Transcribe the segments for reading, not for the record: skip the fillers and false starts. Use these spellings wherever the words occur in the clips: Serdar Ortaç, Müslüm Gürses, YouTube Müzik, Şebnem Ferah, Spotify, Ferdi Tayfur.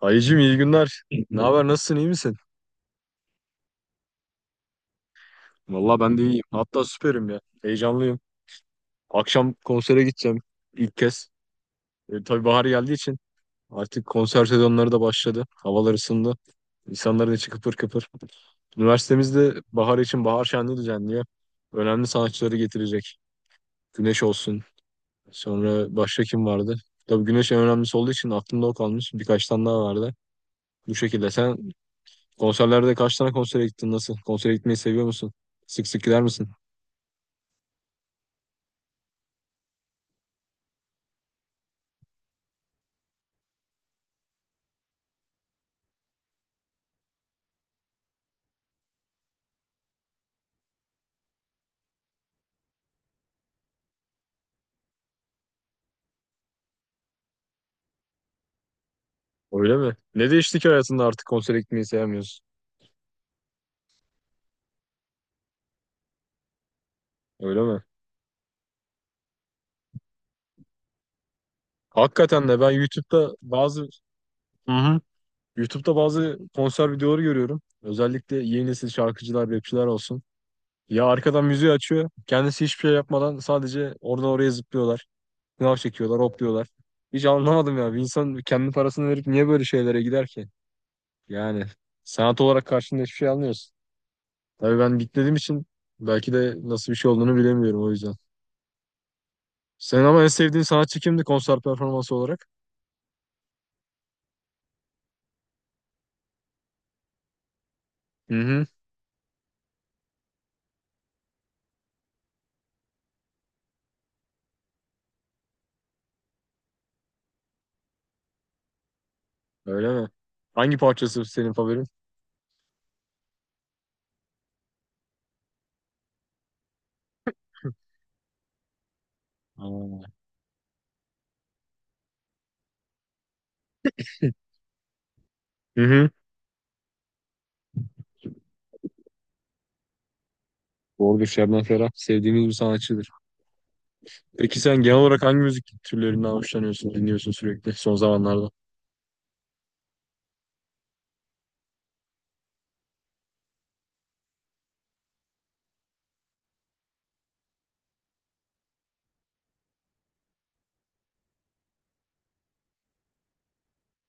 Ayıcım, iyi günler. Ne haber? Nasılsın? İyi misin? Valla ben de iyiyim. Hatta süperim ya. Heyecanlıyım. Akşam konsere gideceğim ilk kez. Tabii bahar geldiği için artık konser sezonları da başladı. Havalar ısındı. İnsanların içi kıpır kıpır. Üniversitemizde bahar için bahar şenliği düzenliyor. Önemli sanatçıları getirecek. Güneş olsun. Sonra başka kim vardı? Tabii Güneş en önemlisi olduğu için aklımda o kalmış. Birkaç tane daha vardı. Bu şekilde. Sen konserlerde kaç tane konsere gittin? Nasıl? Konsere gitmeyi seviyor musun? Sık sık gider misin? Öyle mi? Ne değişti ki hayatında artık konsere gitmeyi sevmiyorsun? Öyle mi? Hakikaten de ben YouTube'da bazı. Hı hı. YouTube'da bazı konser videoları görüyorum. Özellikle yeni nesil şarkıcılar, rapçiler olsun. Ya arkadan müziği açıyor. Kendisi hiçbir şey yapmadan sadece oradan oraya zıplıyorlar. Sınav çekiyorlar, hopluyorlar. Hiç anlamadım ya. Bir insan kendi parasını verip niye böyle şeylere gider ki? Yani sanat olarak karşında hiçbir şey almıyorsun. Tabii ben bitmediğim için belki de nasıl bir şey olduğunu bilemiyorum o yüzden. Senin ama en sevdiğin sanatçı kimdi konser performansı olarak? Hı hı. Öyle mi? Hangi parçası senin favorin? Aa. Hı hı. Doğrudur Şebnem Ferah. Sevdiğimiz bir sanatçıdır. Peki sen genel olarak hangi müzik türlerinden hoşlanıyorsun, dinliyorsun sürekli son zamanlarda?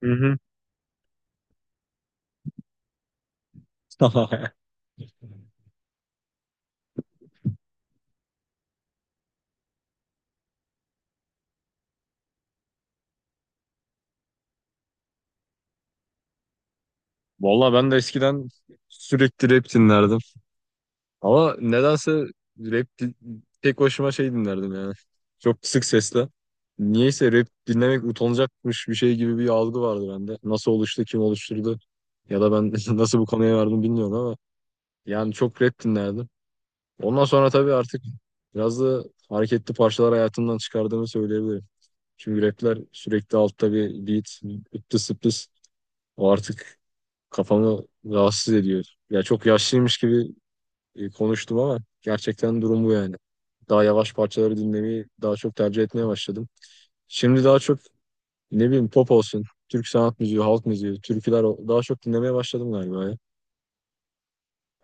Hı hı. Vallahi ben de eskiden sürekli rap dinlerdim. Ama nedense rap di- tek başıma şey dinlerdim yani. Çok kısık sesle. Niyeyse rap dinlemek utanacakmış bir şey gibi bir algı vardı bende. Nasıl oluştu, kim oluşturdu ya da ben nasıl bu konuya vardım bilmiyorum ama yani çok rap dinlerdim. Ondan sonra tabii artık biraz da hareketli parçalar hayatımdan çıkardığımı söyleyebilirim. Çünkü rapler sürekli altta bir beat, ıptı sıptı. O artık kafamı rahatsız ediyor. Ya çok yaşlıymış gibi konuştum ama gerçekten durum bu yani. Daha yavaş parçaları dinlemeyi daha çok tercih etmeye başladım. Şimdi daha çok ne bileyim pop olsun, Türk sanat müziği, halk müziği, türküler daha çok dinlemeye başladım galiba ya.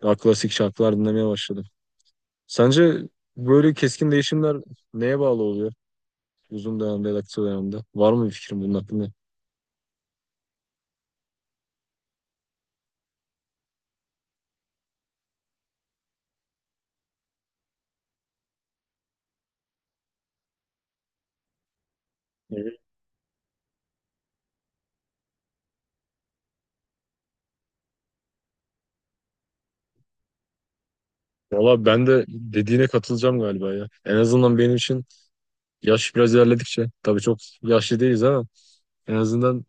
Daha klasik şarkılar dinlemeye başladım. Sence böyle keskin değişimler neye bağlı oluyor? Uzun dönemde ya da kısa dönemde. Var mı bir fikrin bunun hakkında? Evet. Valla ben de dediğine katılacağım galiba ya. En azından benim için yaş biraz ilerledikçe, tabii çok yaşlı değiliz ama en azından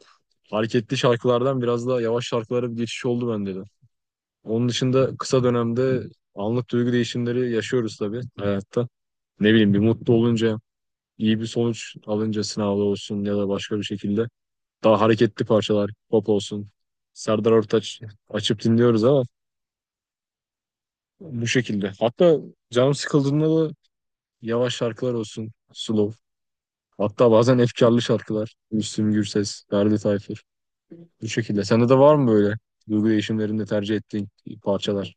hareketli şarkılardan biraz daha yavaş şarkılara bir geçiş oldu bende de. Onun dışında kısa dönemde anlık duygu değişimleri yaşıyoruz tabii hayatta. Ne bileyim bir mutlu olunca, iyi bir sonuç alınca sınavda olsun ya da başka bir şekilde daha hareketli parçalar, pop olsun. Serdar Ortaç açıp dinliyoruz ama bu şekilde. Hatta canım sıkıldığında da yavaş şarkılar olsun, slow. Hatta bazen efkarlı şarkılar. Müslüm Gürses, Ferdi Tayfur. Bu şekilde. Sende de var mı böyle duygu değişimlerinde tercih ettiğin parçalar?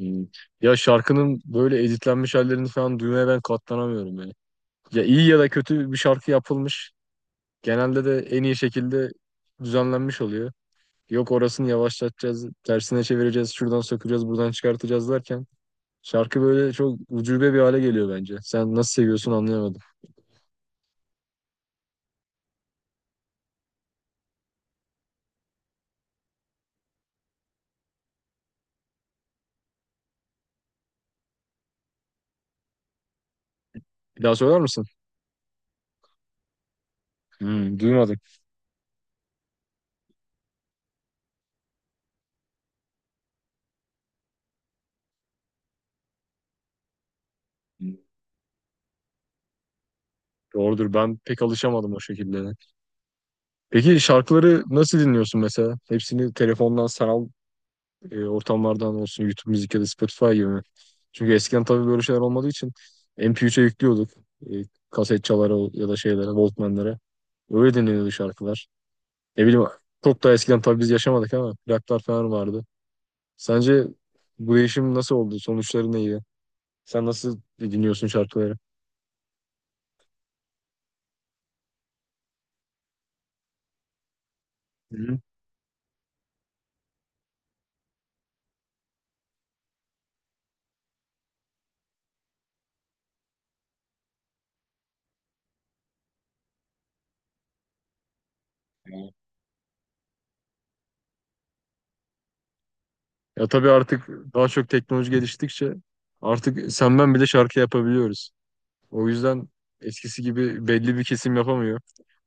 Hmm. Ya şarkının böyle editlenmiş hallerini falan duymaya ben katlanamıyorum yani. Ya iyi ya da kötü bir şarkı yapılmış. Genelde de en iyi şekilde düzenlenmiş oluyor. Yok orasını yavaşlatacağız, tersine çevireceğiz, şuradan sökeceğiz, buradan çıkartacağız derken şarkı böyle çok ucube bir hale geliyor bence. Sen nasıl seviyorsun anlayamadım. Bir daha söyler misin? Hmm, duymadım. Doğrudur. Ben pek alışamadım o şekilde. Peki şarkıları nasıl dinliyorsun mesela? Hepsini telefondan, sanal ortamlardan olsun, YouTube Müzik ya da Spotify gibi mi? Çünkü eskiden tabii böyle şeyler olmadığı için MP3'e yüklüyorduk. E, Kaset çalara ya da şeylere, Walkman'lara. Öyle dinleniyordu şarkılar. Ne bileyim çok da eskiden tabii biz yaşamadık ama plaklar falan vardı. Sence bu değişim nasıl oldu? Sonuçları neydi? Sen nasıl dinliyorsun şarkıları? Hı-hı. Ya tabii artık daha çok teknoloji geliştikçe artık sen ben bile şarkı yapabiliyoruz. O yüzden eskisi gibi belli bir kesim yapamıyor.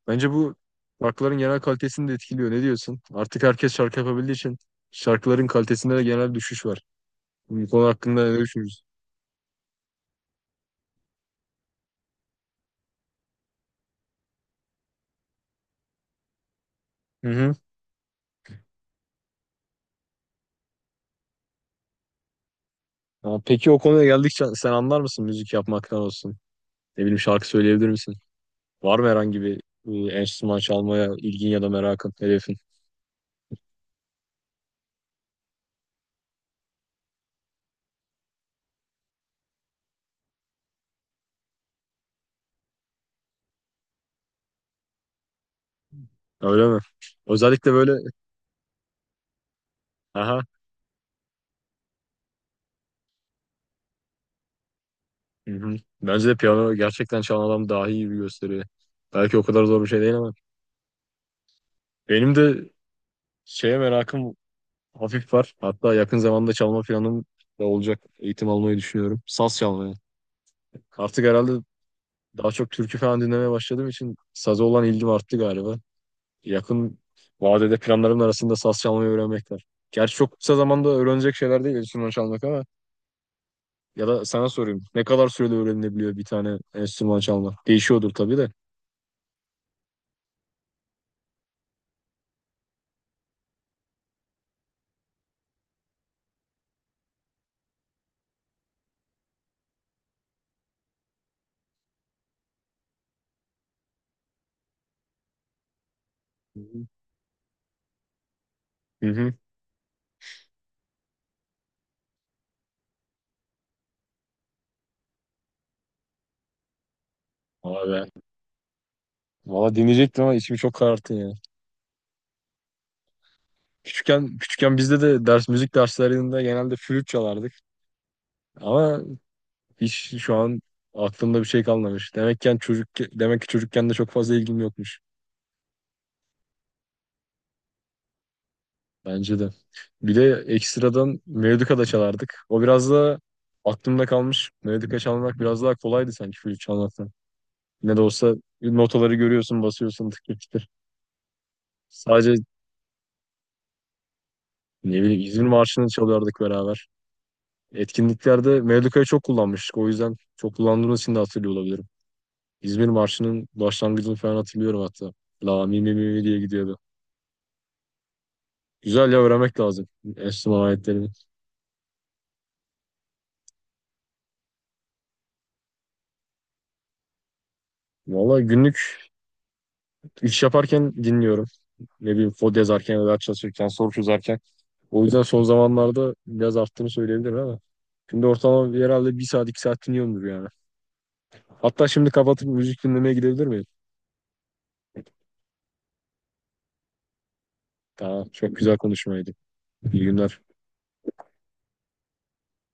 Bence bu şarkıların genel kalitesini de etkiliyor. Ne diyorsun? Artık herkes şarkı yapabildiği için şarkıların kalitesinde de genel düşüş var. Bu konu hakkında ne düşünüyorsun? Hı hı. Ya peki o konuya geldikçe sen anlar mısın müzik yapmaktan olsun? Ne bileyim şarkı söyleyebilir misin? Var mı herhangi bir enstrüman çalmaya ilgin ya da merakın, hedefin? Öyle mi? Özellikle böyle aha hı hı. Bence de piyano gerçekten çalan adam daha iyi bir gösteriyor. Belki o kadar zor bir şey değil ama benim de şeye merakım hafif var. Hatta yakın zamanda çalma planım da olacak. Eğitim almayı düşünüyorum. Saz çalmaya. Artık herhalde daha çok türkü falan dinlemeye başladığım için saza olan ilgim arttı galiba. Yakın vadede planlarımın arasında saz çalmayı öğrenmek var. Gerçi çok kısa zamanda öğrenecek şeyler değil enstrüman çalmak ama ya da sana sorayım. Ne kadar sürede öğrenilebiliyor bir tane enstrüman çalmak? Değişiyordur tabii de. Hı hı. Vay be. Valla dinleyecektim ama içimi çok kararttın ya. Küçükken bizde de ders müzik derslerinde genelde flüt çalardık. Ama hiç şu an aklımda bir şey kalmamış. Demekken çocuk demek ki çocukken de çok fazla ilgim yokmuş. Bence de. Bir de ekstradan melodika da çalardık. O biraz da aklımda kalmış. Melodika çalmak biraz daha kolaydı sanki flüt çalmaktan. Ne de olsa notaları görüyorsun, basıyorsun tık tık tık. Sadece ne bileyim İzmir Marşı'nı çalardık beraber. Etkinliklerde Mevlüka'yı çok kullanmıştık. O yüzden çok kullandığımız için de hatırlıyor olabilirim. İzmir Marşı'nın başlangıcını falan hatırlıyorum hatta. La mi mi mi mi diye gidiyordu. Güzel ya öğrenmek lazım enstrüman aletlerini. Valla günlük iş yaparken dinliyorum. Ne bileyim kod yazarken ya da çalışırken, soru çözerken. O yüzden son zamanlarda biraz arttığını söyleyebilirim ama. Şimdi ortalama herhalde bir saat iki saat dinliyorumdur yani. Hatta şimdi kapatıp müzik dinlemeye gidebilir miyim? Tamam çok güzel konuşmaydı. İyi günler.